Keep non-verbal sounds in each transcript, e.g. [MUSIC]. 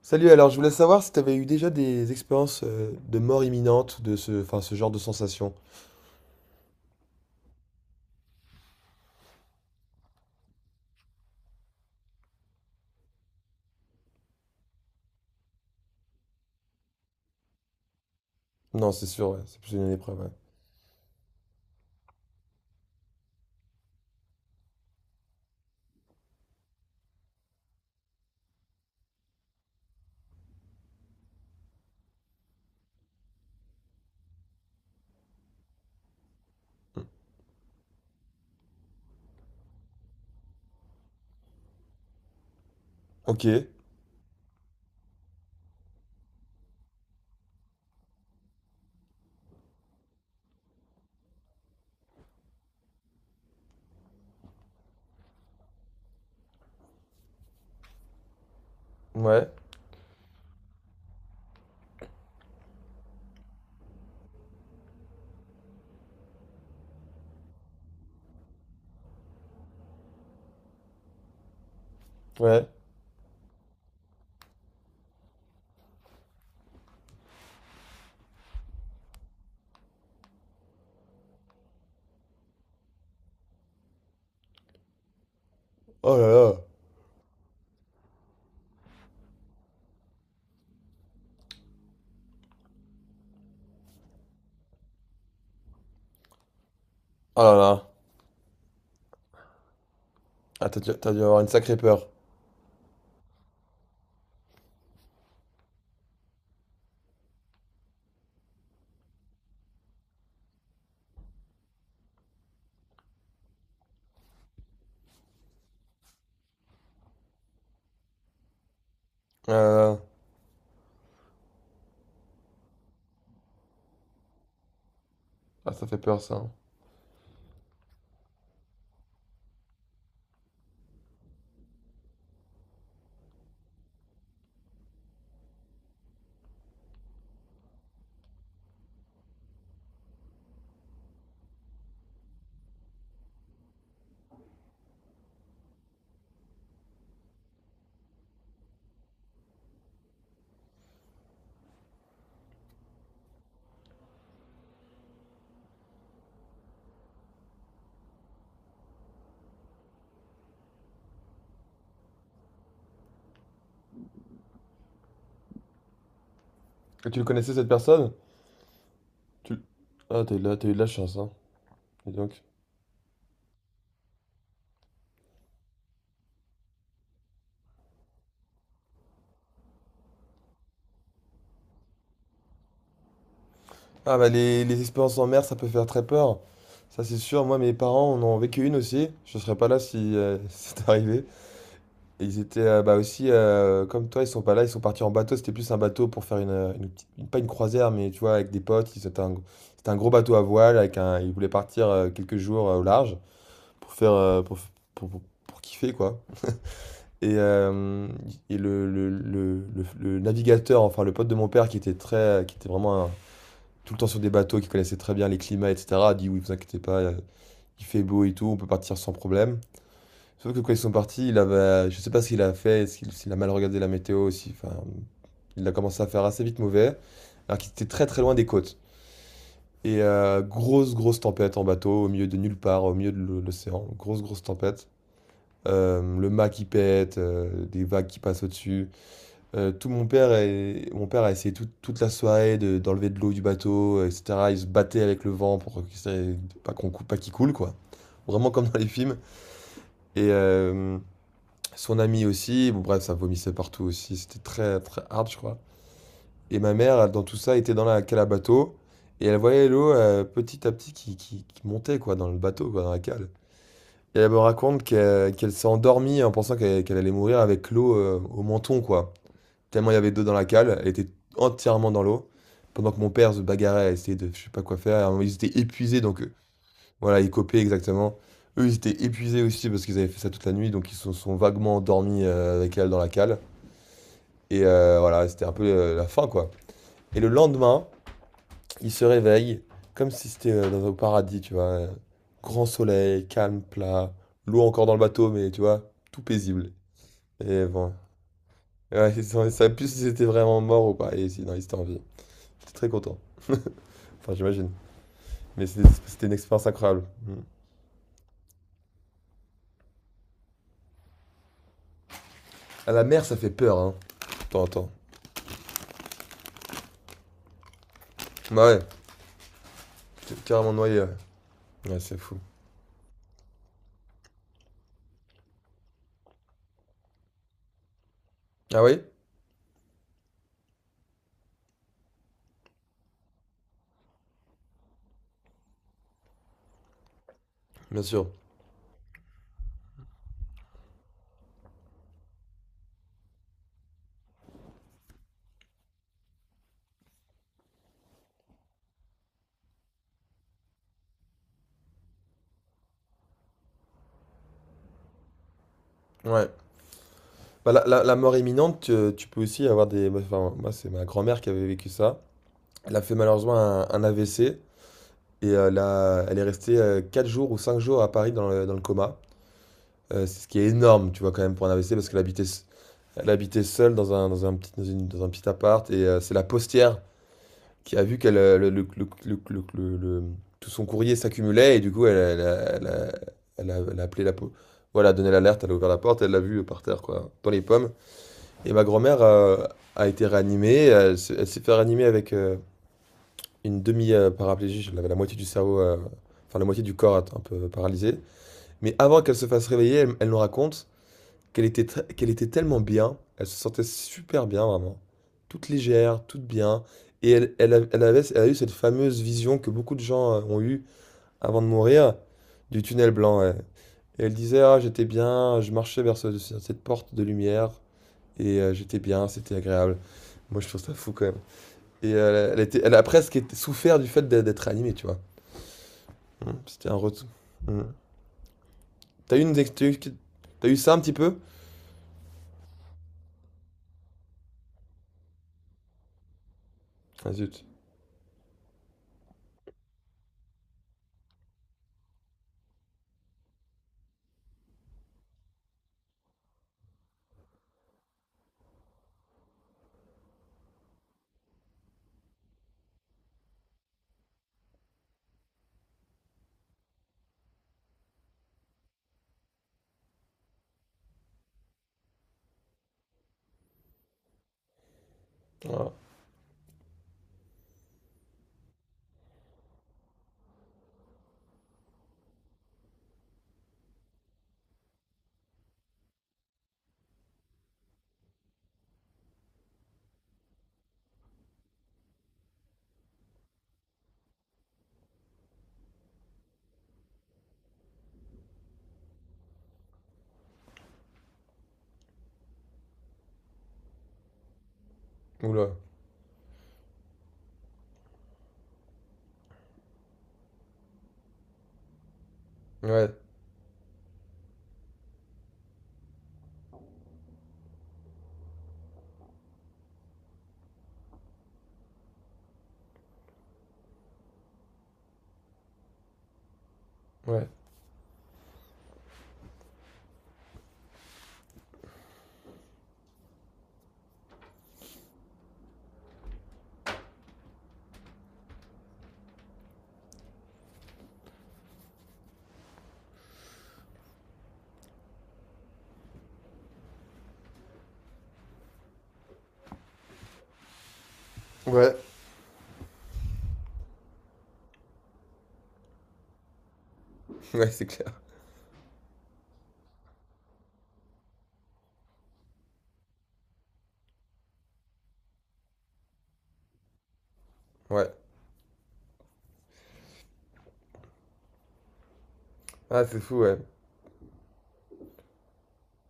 Salut, alors je voulais savoir si tu avais eu déjà des expériences de mort imminente, enfin, ce genre de sensation. Non, c'est sûr, ouais, c'est plus une épreuve, ouais. Ok, ouais, ouais. Oh là là, oh là là. Ah, t'as dû avoir une sacrée peur. Euh, Ah, ça fait peur ça, hein. Et tu le connaissais cette personne? Tu... l- Ah, t'as eu de la chance, hein. Dis donc. Ah bah les expériences en mer, ça peut faire très peur. Ça c'est sûr, moi mes parents en ont vécu une aussi. Je serais pas là si [LAUGHS] c'est arrivé. Ils étaient, bah, aussi, comme toi, ils sont pas là, ils sont partis en bateau. C'était plus un bateau pour faire pas une croisière, mais tu vois, avec des potes. Ils C'était un gros bateau à voile avec un ils voulaient partir, quelques jours, au large pour faire, pour pour pour kiffer, quoi, et hem et le navigateur, enfin, le pote de mon père qui était vraiment un tout le temps sur des bateaux, qui connaissait très bien les climats et cetera, a dit: «Oui, vous inquiétez pas, il fait beau et tout, on peut partir sans problème». Sauf que quand ils sont partis, il avait, je sais pas ce qu'il a fait, s'il a mal regardé la météo, aussi, enfin, il a commencé à faire assez vite mauvais, alors qu'il était très très loin des côtes. Grosse grosse tempête en bateau, au milieu de nulle part, au milieu de l'océan, grosse grosse tempête. Le mât qui pète, des vagues qui passent au-dessus. Tout mon père et mon père a essayé toute la soirée d'enlever de l'eau du bateau, etc. Il se battait avec le vent pour que ça- pas qu'on cou- pas qu'il coule quoi. Vraiment comme dans les films. Et euh, Son ami aussi, bon bref, ça vomissait partout aussi, c'était très très hard, je crois. Et ma mère, elle, dans tout ça, était dans la cale à bateau, et elle voyait l'eau petit à petit qui montait, quoi, dans le bateau, quoi, dans la cale. Et elle me raconte qu'elle s'est endormie en pensant qu'elle allait mourir avec l'eau au menton, quoi. Tellement il y avait d'eau dans la cale, elle était entièrement dans l'eau, pendant que mon père se bagarrait à essayer de je sais pas quoi faire, et ils étaient épuisés, donc voilà, ils copaient exactement. Eux, ils étaient épuisés aussi parce qu'ils avaient fait ça toute la nuit, donc ils se sont vaguement endormis avec elle dans la cale. Voilà, c'était un peu la fin, quoi. Et le lendemain, il se réveille comme si c'était dans un paradis, tu vois. Grand soleil, calme, plat, l'eau encore dans le bateau, mais tu vois, tout paisible. Et bon, ouais, [LAUGHS] plus si c'était vraiment mort ou pas. Et si, non, il était en vie. J'étais très content. Enfin, j'imagine. Mais c'était une expérience incroyable. Mm. À la mer, ça fait peur, hein, de temps en temps. Bah ouais, t'es carrément noyé. Ouais, ouais, c'est fou. Ah oui? Bien sûr. Ouais. Bah, la mort imminente, tu peux aussi avoir des. Enfin, moi, c'est ma grand-mère qui avait vécu ça. Elle a fait malheureusement un AVC et elle est restée 4 jours ou 5 jours à Paris dans le coma. C'est ce qui est énorme, tu vois, quand même, pour un AVC parce qu'elle habitait, s- elle habitait seule dans un petit, dans une- dans un petit appart et c'est la postière qui a vu qu'elle, le- tout son courrier s'accumulait et du coup, elle, elle a, elle a- elle a- elle a appelé Voilà, donné l'alerte, elle a ouvert la porte, elle l'a vu par terre, quoi, dans les pommes. Et ma grand-mère a été réanimée. Elle s'est fait réanimer avec une demi-paraplégie. Elle avait la moitié du cerveau, enfin la moitié du corps un peu paralysé. Mais avant qu'elle se fasse réveiller, elle nous raconte qu'elle était tellement bien. Elle se sentait super bien, vraiment. Toute légère, toute bien. Et elle a eu cette fameuse vision que beaucoup de gens ont eue avant de mourir, du tunnel blanc. Ouais. Et elle disait, ah, j'étais bien, je marchais vers cette porte de lumière, et j'étais bien, c'était agréable. Moi, je trouve ça fou quand même. Elle a presque souffert du fait d'être d'être animée, tu vois. Mm. C'était un retour. Mm. T'as eu, une, ex- t'as eu ça un petit peu. Ah zut. Ah. Oula. Ouais. Ouais. Ouais. [LAUGHS] Ouais, c'est clair. Ouais. Ah, c'est fou, ouais.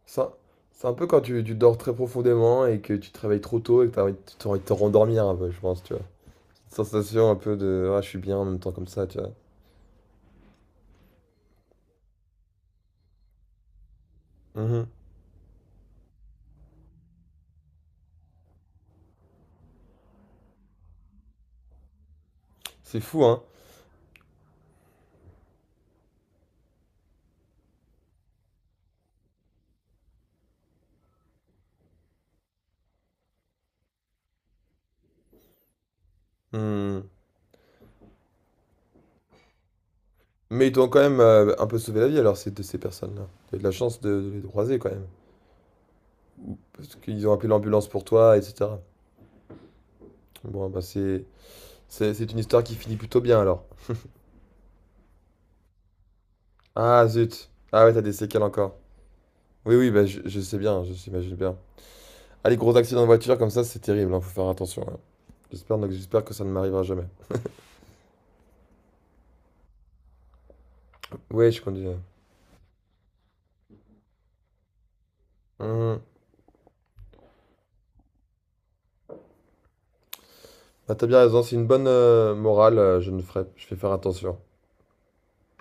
Ça, c'est un peu quand tu dors très profondément et que tu te réveilles trop tôt et que t'as envie de te rendormir un peu, je pense, tu vois. Cette sensation un peu de ah, je suis bien en même temps comme ça, tu vois. Mhm. C'est fou, hein. Mm. Mais ils t'ont quand même un peu sauvé la vie alors de ces personnes-là. T'as eu de la chance de les croiser quand même. Parce qu'ils ont appelé l'ambulance pour toi, etc. Bon, bah c'est une histoire qui finit plutôt bien alors. Ah zut. Ah ouais, t'as des séquelles encore. Oui, oui, bah je sais bien, je s'imagine bien. Ah, les gros accidents de voiture comme ça, c'est terrible, hein, faut faire attention, hein. Donc, j'espère que ça ne m'arrivera jamais. Oui, je conduis. Mhm. Bah, t'as bien raison, c'est une bonne morale, je ne ferai, je vais faire attention.